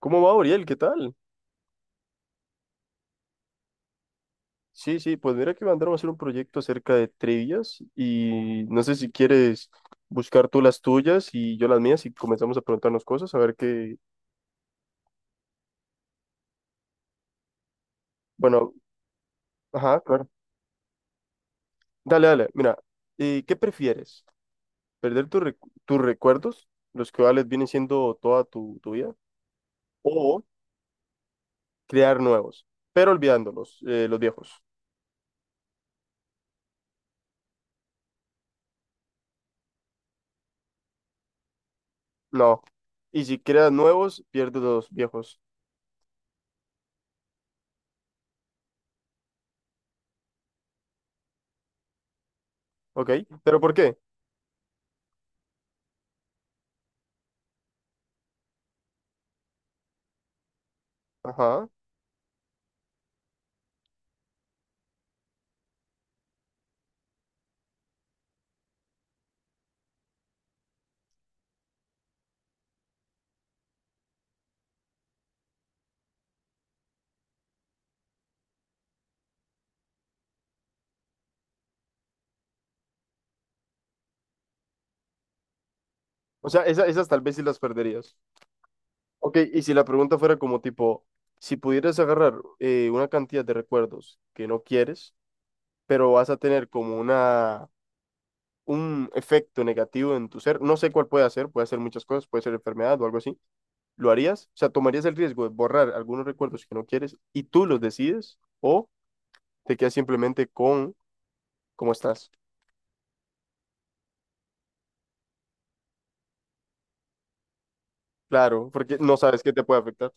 ¿Cómo va, Oriel? ¿Qué tal? Sí, sí, pues mira que mandaron a hacer un proyecto acerca de trivias y no sé si quieres buscar tú las tuyas y yo las mías y comenzamos a preguntarnos cosas, a ver qué. Bueno, ajá, claro. Dale, dale, mira, ¿qué prefieres? ¿Perder tus recuerdos, los cuales vienen siendo toda tu vida? ¿O crear nuevos, pero olvidándolos, los viejos? No. Y si creas nuevos, pierdes los viejos, ¿ok? ¿Pero por qué? Ajá. O sea, esas tal vez sí las perderías. Ok, y si la pregunta fuera como tipo, si pudieras agarrar una cantidad de recuerdos que no quieres, pero vas a tener como un efecto negativo en tu ser, no sé cuál puede ser muchas cosas, puede ser enfermedad o algo así, ¿lo harías? O sea, ¿tomarías el riesgo de borrar algunos recuerdos que no quieres y tú los decides o te quedas simplemente con cómo estás? Claro, porque no sabes qué te puede afectar.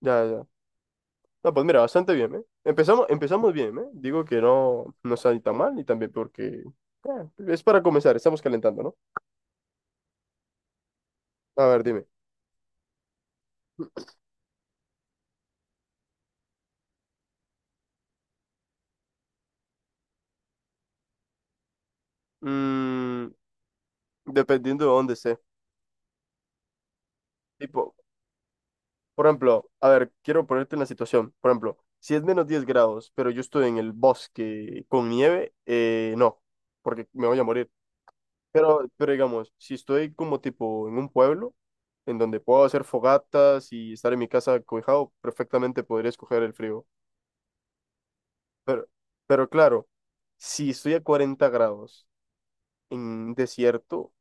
Ya, ya. No, pues mira, bastante bien, ¿eh? Empezamos, empezamos bien, ¿eh? Digo que no, no está ni tan mal, ni tan bien, porque es para comenzar, estamos calentando, ¿no? A ver, dime. Mm, Dependiendo de dónde esté. Tipo, por ejemplo, a ver, quiero ponerte en la situación. Por ejemplo, si es -10 grados, pero yo estoy en el bosque con nieve, no, porque me voy a morir. Pero digamos, si estoy como tipo en un pueblo, en donde puedo hacer fogatas y estar en mi casa cobijado, perfectamente podría escoger el frío. Pero, pero claro, si estoy a 40 grados en un desierto,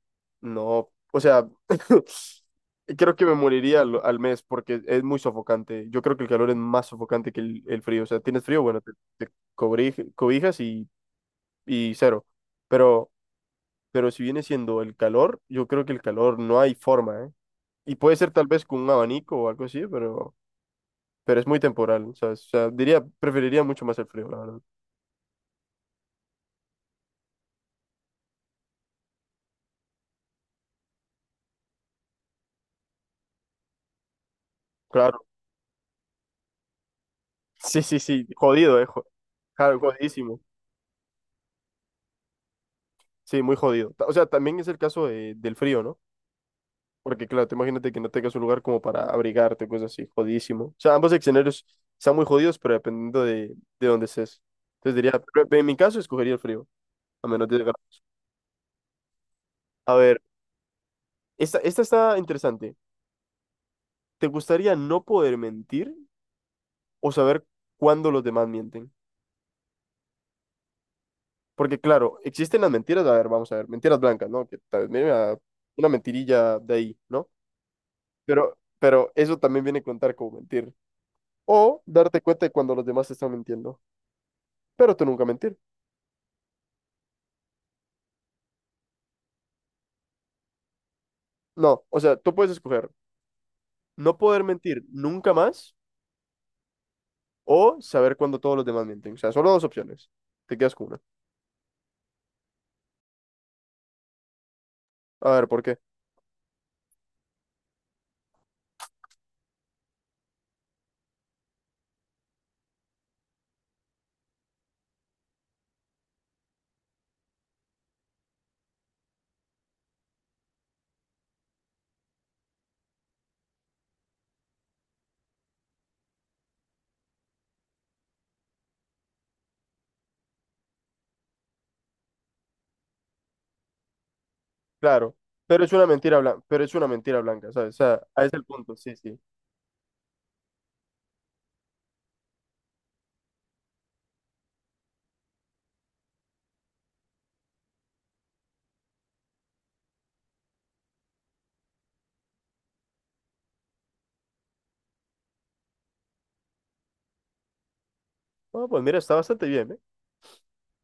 no, o sea, creo que me moriría al mes porque es muy sofocante. Yo creo que el calor es más sofocante que el frío. O sea, tienes frío, bueno, te, te cobijas y cero. Pero, pero si viene siendo el calor, yo creo que el calor no hay forma, ¿eh? Y puede ser tal vez con un abanico o algo así, pero es muy temporal, ¿sabes? O sea, diría, preferiría mucho más el frío, la verdad. Claro. Sí, sí, sí, jodido, claro, jodidísimo. Sí, muy jodido. O sea, también es el caso del frío, ¿no? Porque, claro, te imagínate que no tengas un lugar como para abrigarte, cosas así, jodidísimo. O sea, ambos escenarios están muy jodidos, pero dependiendo de dónde estés. Entonces diría, pero en mi caso, escogería el frío, a menos de. A ver, esta está interesante. ¿Te gustaría no poder mentir o saber cuándo los demás mienten? Porque, claro, existen las mentiras, a ver, vamos a ver, mentiras blancas, ¿no? Que tal vez, mira, una mentirilla de ahí, ¿no? Pero eso también viene a contar como mentir. O darte cuenta de cuando los demás te están mintiendo. Pero tú nunca mentir. No, o sea, tú puedes escoger no poder mentir nunca más o saber cuando todos los demás mienten. O sea, solo dos opciones. Te quedas con una. A ver, ¿por qué? Claro, pero es una mentira blanca, pero es una mentira blanca, ¿sabes? O sea, a ese es el punto, sí, sí. Bueno, pues mira, está bastante bien, ¿eh?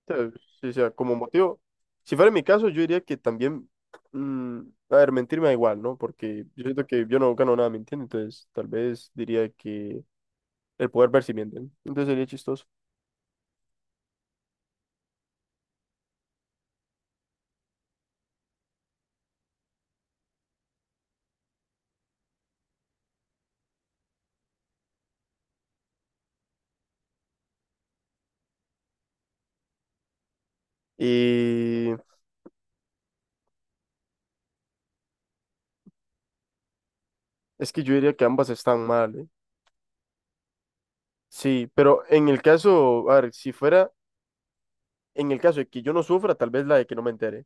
sea, sí, o sea, como motivo, si fuera mi caso, yo diría que también, mm, a ver, mentir me da igual, ¿no? Porque yo siento que yo no gano nada mintiendo, entonces tal vez diría que el poder ver si mienten, entonces sería chistoso. Y es que yo diría que ambas están mal, ¿eh? Sí, pero en el caso, a ver, si fuera, en el caso de que yo no sufra, tal vez la de que no me entere,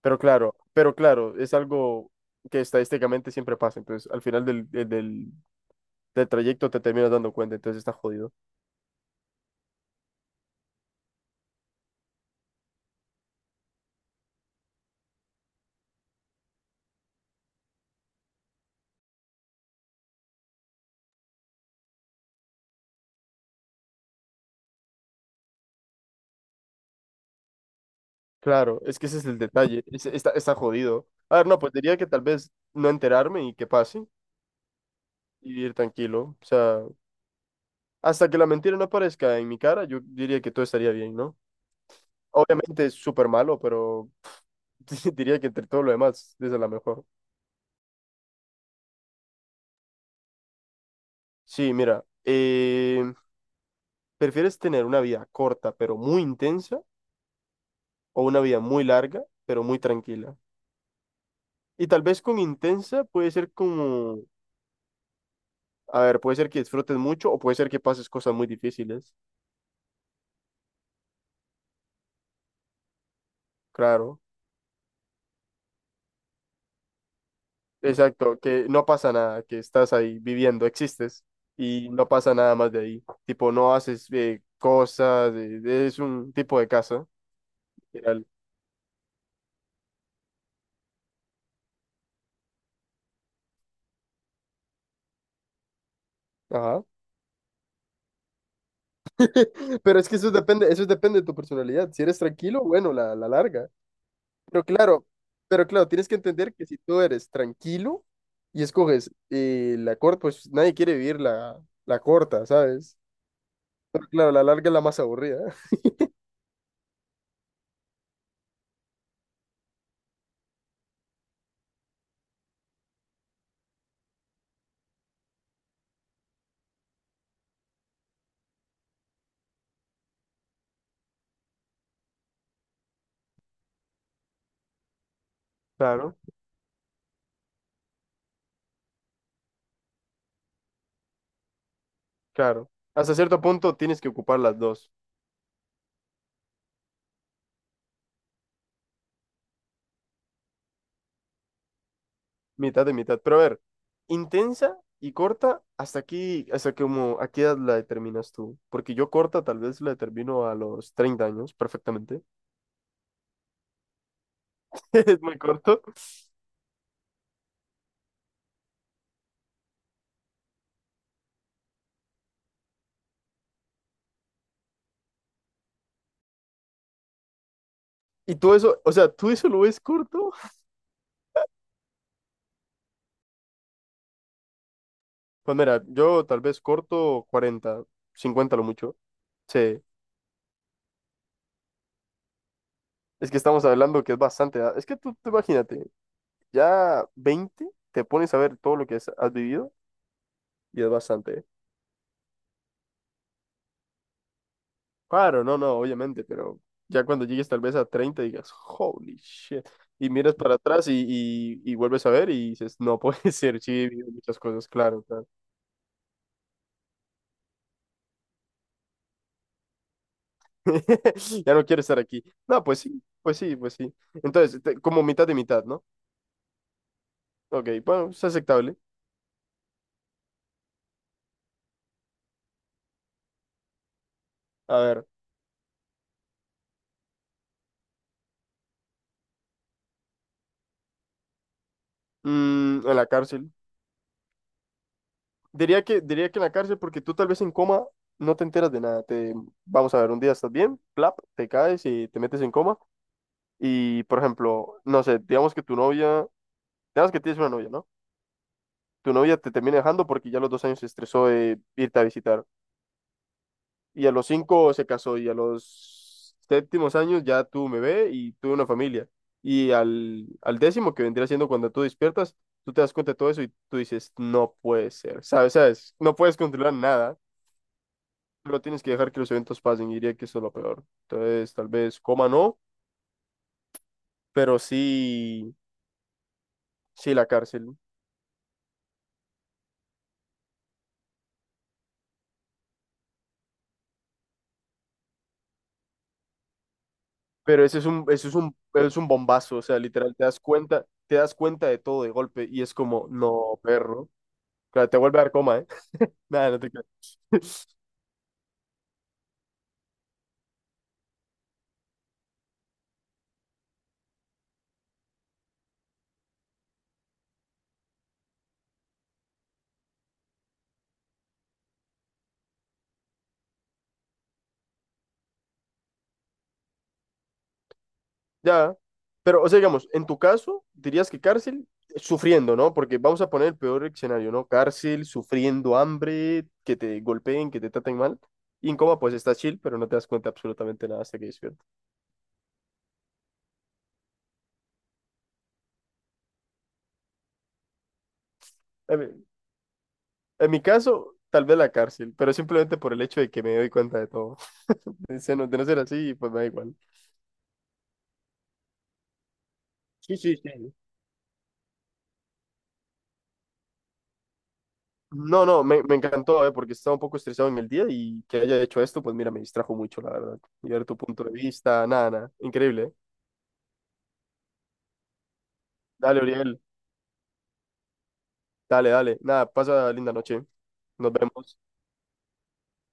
pero claro, es algo que estadísticamente siempre pasa, entonces al final del trayecto te terminas dando cuenta, entonces está jodido. Claro, es que ese es el detalle, está jodido. A ver, no, pues diría que tal vez no enterarme y que pase y vivir tranquilo. O sea, hasta que la mentira no aparezca en mi cara, yo diría que todo estaría bien, ¿no? Obviamente es súper malo, pero diría que entre todo lo demás, esa es la mejor. Sí, mira, ¿prefieres tener una vida corta pero muy intensa o una vida muy larga pero muy tranquila? Y tal vez con intensa puede ser como, a ver, puede ser que disfrutes mucho o puede ser que pases cosas muy difíciles, claro. Exacto, que no pasa nada, que estás ahí viviendo, existes y no pasa nada más de ahí. Tipo, no haces cosas, es un tipo de casa. Literal. Ajá. Pero es que eso depende de tu personalidad. Si eres tranquilo, bueno, la larga. Pero claro, pero claro, tienes que entender que si tú eres tranquilo y escoges la corta, pues nadie quiere vivir la corta, ¿sabes? Pero claro, la larga es la más aburrida. Claro, claro. Hasta cierto punto tienes que ocupar las dos. Mitad de mitad. Pero a ver, intensa y corta, hasta aquí, hasta que como, ¿a qué edad la determinas tú? Porque yo corta tal vez la determino a los 30 años, perfectamente. Es muy corto. Y tú eso, o sea, ¿tú eso lo ves corto? Pues mira, yo tal vez corto 40 50 lo mucho. Sí, es que estamos hablando que es bastante edad. Es que tú imagínate, ya 20 te pones a ver todo lo que has vivido y es bastante, ¿eh? Claro, no, no, obviamente, pero ya cuando llegues tal vez a 30 digas, holy shit, y miras para atrás y vuelves a ver y dices, no puede ser, sí, he vivido muchas cosas, claro, claro. Ya no quiero estar aquí. No, pues sí, pues sí, pues sí. Entonces, como mitad de mitad, ¿no? Ok, bueno, es aceptable. A ver, en la cárcel. Diría que en la cárcel porque tú tal vez en coma no te enteras de nada. Te, vamos a ver, un día estás bien, plap, te caes y te metes en coma. Y, por ejemplo, no sé, digamos que tu novia ya que tienes una novia, ¿no? Tu novia te termina dejando porque ya a los 2 años se estresó de irte a visitar. Y a los 5 se casó y a los séptimos años ya tuvo un bebé y tuvo una familia. Y al 10.º, que vendría siendo cuando tú despiertas, tú te das cuenta de todo eso y tú dices, no puede ser, ¿sabes? ¿Sabes? No puedes controlar nada, pero tienes que dejar que los eventos pasen y diría que eso es lo peor. Entonces, tal vez coma no, pero sí, sí la cárcel. Pero es un bombazo, o sea, literal, te das cuenta de todo de golpe y es como, no, perro. Claro, te vuelve a dar coma, ¿eh? Nada, no te creas. Ya. Pero, o sea, digamos, en tu caso, dirías que cárcel sufriendo, ¿no? Porque vamos a poner el peor escenario, ¿no? Cárcel, sufriendo hambre, que te golpeen, que te traten mal. Y en coma, pues estás chill, pero no te das cuenta absolutamente nada hasta que despiertas. En mi, en mi caso, tal vez la cárcel, pero simplemente por el hecho de que me doy cuenta de todo. De no ser así, pues me da igual. Sí, sí, sí. No, no, me encantó, porque estaba un poco estresado en el día y que haya hecho esto, pues mira, me distrajo mucho, la verdad. Y ver tu punto de vista, nada, nada. Increíble, eh. Dale, Uriel. Dale, dale. Nada, pasa linda noche. Nos vemos.